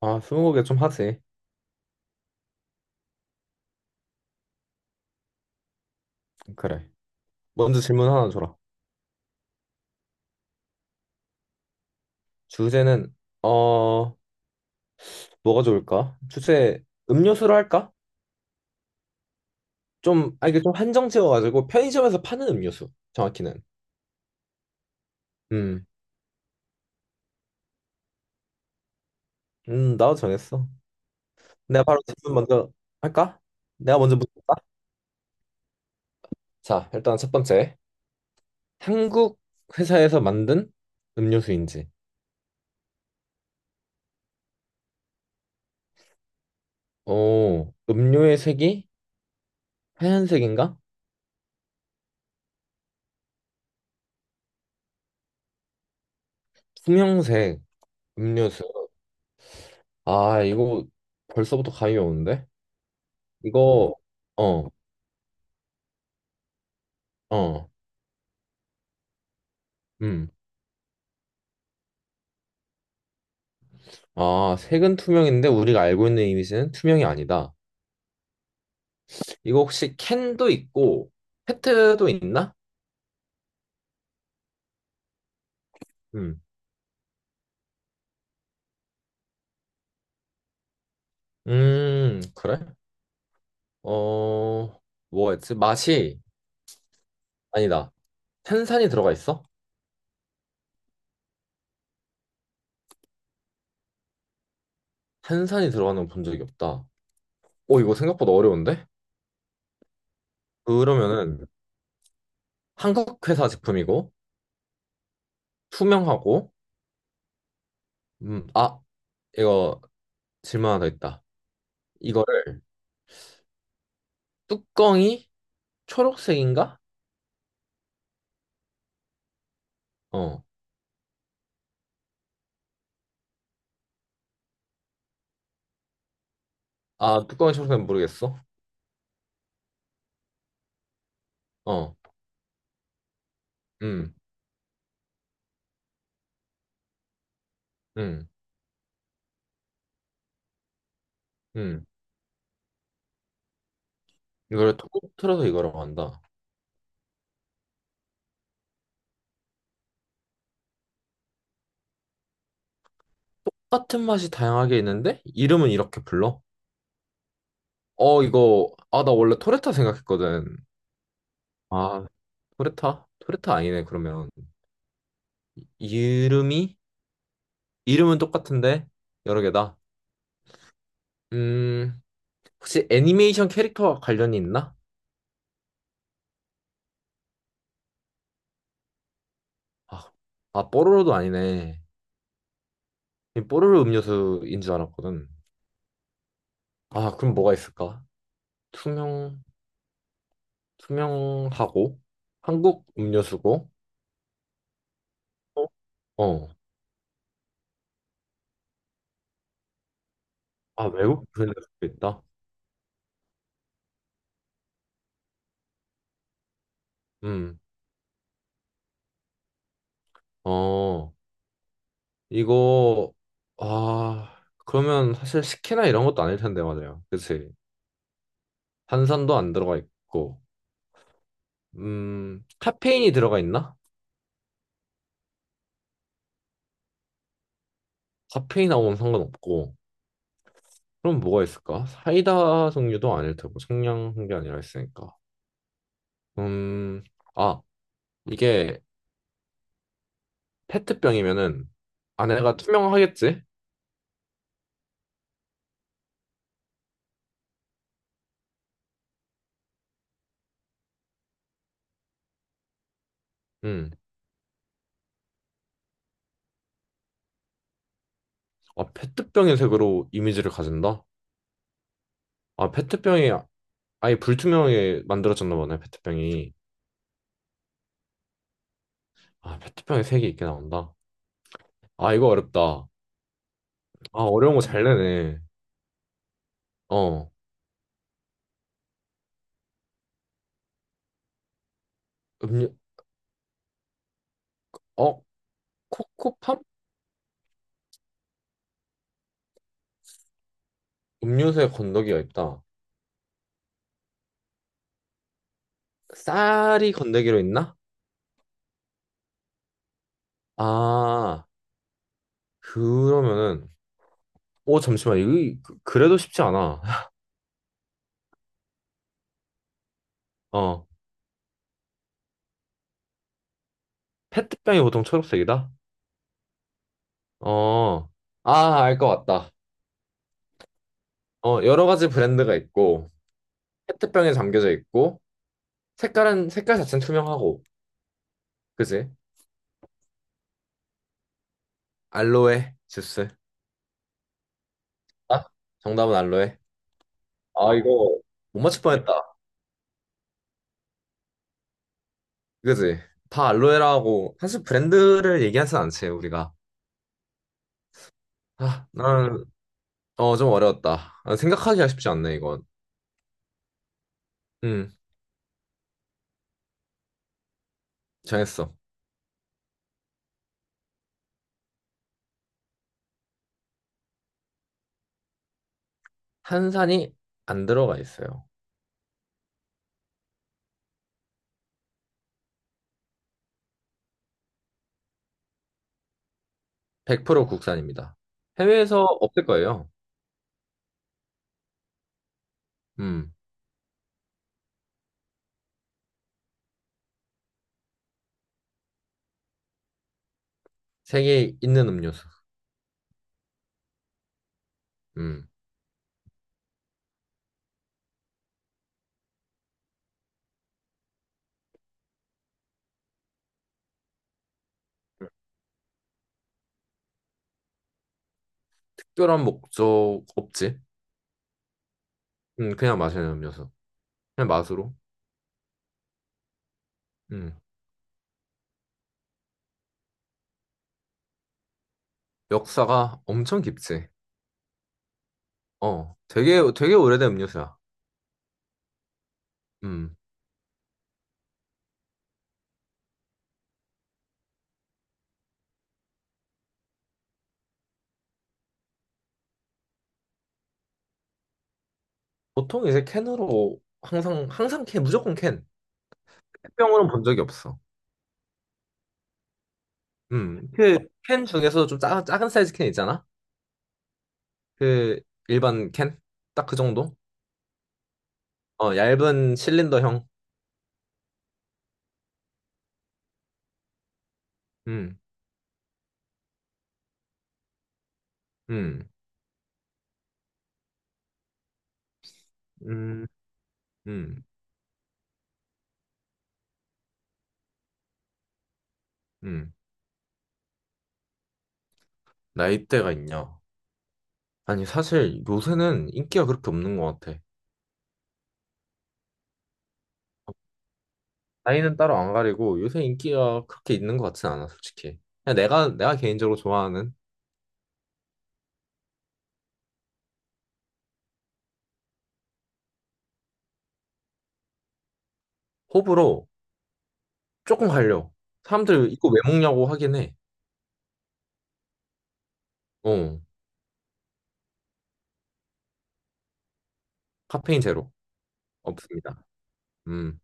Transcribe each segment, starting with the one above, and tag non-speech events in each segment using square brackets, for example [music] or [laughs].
아, 스무고개 좀 하지. 그래. 먼저 질문 하나 줘라. 주제는 어 뭐가 좋을까? 주제 음료수로 할까? 좀 아, 이게 좀 한정 지어가지고 편의점에서 파는 음료수 정확히는. 음, 나도 정했어. 내가 바로 질문 먼저 할까? 내가 먼저 묻을까? 자, 일단 첫 번째. 한국 회사에서 만든 음료수인지. 오, 음료의 색이 하얀색인가? 투명색 음료수. 아, 이거 벌써부터 감이 오는데? 이거 어, 어, 음. 아, 색은 투명인데 우리가 알고 있는 이미지는 투명이 아니다. 이거 혹시 캔도 있고 페트도 있나? 음. 그래? 어, 뭐였지? 맛이 아니다. 탄산이 들어가 있어? 탄산이 들어가는 건 본 적이 없다. 오, 이거 생각보다 어려운데? 그러면은 한국 회사 제품이고 투명하고 아, 이거 질문 하나 더 있다. 이거를 뚜껑이 초록색인가? 어. 아, 뚜껑이 청소는 모르겠어? 어, 음, 음, 음. 이걸 통틀어서 이거라고 한다. 똑같은 맛이 다양하게 있는데, 이름은 이렇게 불러? 어, 이거, 아, 나 원래 토레타 생각했거든. 아, 토레타? 토레타 아니네, 그러면. 이름이? 이름은 똑같은데, 여러 개다. 음, 혹시 애니메이션 캐릭터와 관련이 있나? 아, 아, 뽀로로도 아니네. 이 뽀로로 음료수인 줄 알았거든. 아, 그럼 뭐가 있을까? 투명, 투명하고 한국 음료수고 어? 어. 아, 외국 브랜드도 있다. 음. 어. 이거 아, 그러면 사실 스키나 이런 것도 아닐 텐데 맞아요. 그치 탄산도 안 들어가 있고. 카페인이 들어가 있나? 카페인하고는 상관없고. 그럼 뭐가 있을까? 사이다 종류도 아닐 테고 청량한 게 아니라 있으니까. 음. 아, 이게 페트병이면은 안에가 투명하겠지? 음. 아, 페트병의 색으로 이미지를 가진다? 아, 페트병이 아예 불투명하게 만들어졌나 보네, 페트병이. 아, 페트병의 색이 있게 나온다. 아, 이거 어렵다. 아, 어려운 거 잘 내네. 어, 음료, 어, 코코팜? 음료수에 건더기가 있다. 쌀이 건더기로 있나? 아, 그러면은, 오, 잠시만, 이거, 그- 그래도 쉽지 않아. [laughs] 어, 페트병이 보통 초록색이다? 어, 아, 알 것 같다. 어, 여러 가지 브랜드가 있고, 페트병에 담겨져 있고 색깔은 색깔 자체는 투명하고 그지? 알로에 주스. 아? 정답은 알로에. 아 이거 못 맞출 뻔했다. 그지? 다 알로에라고 사실 브랜드를 얘기하진 않지 우리가. 아, 나는 어좀 어려웠다. 아, 생각하기가 쉽지 않네 이건. 음 정했어. 한산이 안 들어가 있어요. 100% 국산입니다. 해외에서 없을 거예요. 음 세계에 있는 음료수. 음 특별한 목적 없지. 그냥 마시는 음료수. 그냥 맛으로. 음. 역사가 엄청 깊지. 어. 되게 오래된 음료수야. 음. 보통 이제 캔으로 항상 캔 무조건 캔. 캔병으로는 본 적이 없어. 음. 그 캔 중에서 작은 사이즈 캔 있잖아. 그 일반 캔? 딱 그 정도? 어, 얇은 실린더형. 음. 음. 음. 음. 음. 나이대가 있냐? 아니 사실 요새는 인기가 그렇게 없는 것 같아. 나이는 따로 안 가리고 요새 인기가 그렇게 있는 것 같진 않아, 솔직히. 그냥 내가 개인적으로 좋아하는 호불호 조금 갈려. 사람들 이거 왜 먹냐고 하긴 해. 어, 카페인 제로. 없습니다. 음,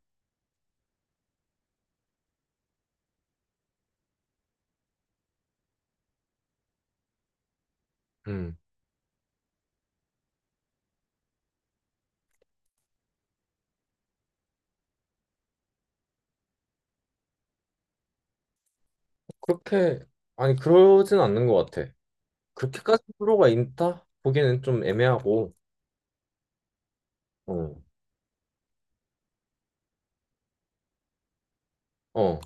음. 그렇게, 아니, 그러진 않는 것 같아. 그렇게까지 호불호가 있다? 보기에는 좀 애매하고, 어, 어,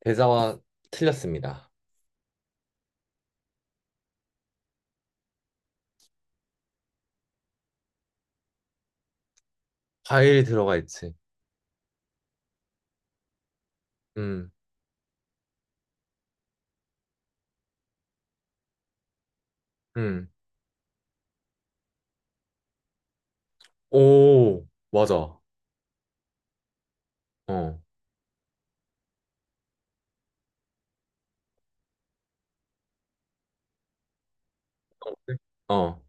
대자와 틀렸습니다. 과일이 들어가 있지. 음, 음. 오, 맞아. 어. 어.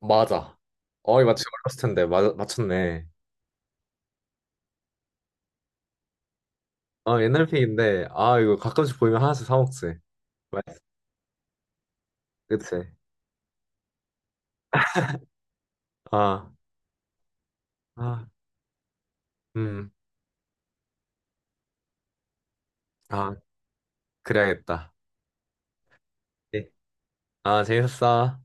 맞아. 어, 이거 맞추기 어려웠을 텐데. 맞췄네. 어, 옛날 픽인데, 아, 이거 가끔씩 보이면 하나씩 사먹지. 맞, 그치? 아, 아, 음, 아, 그래야겠다. 네. 아, 재밌었어.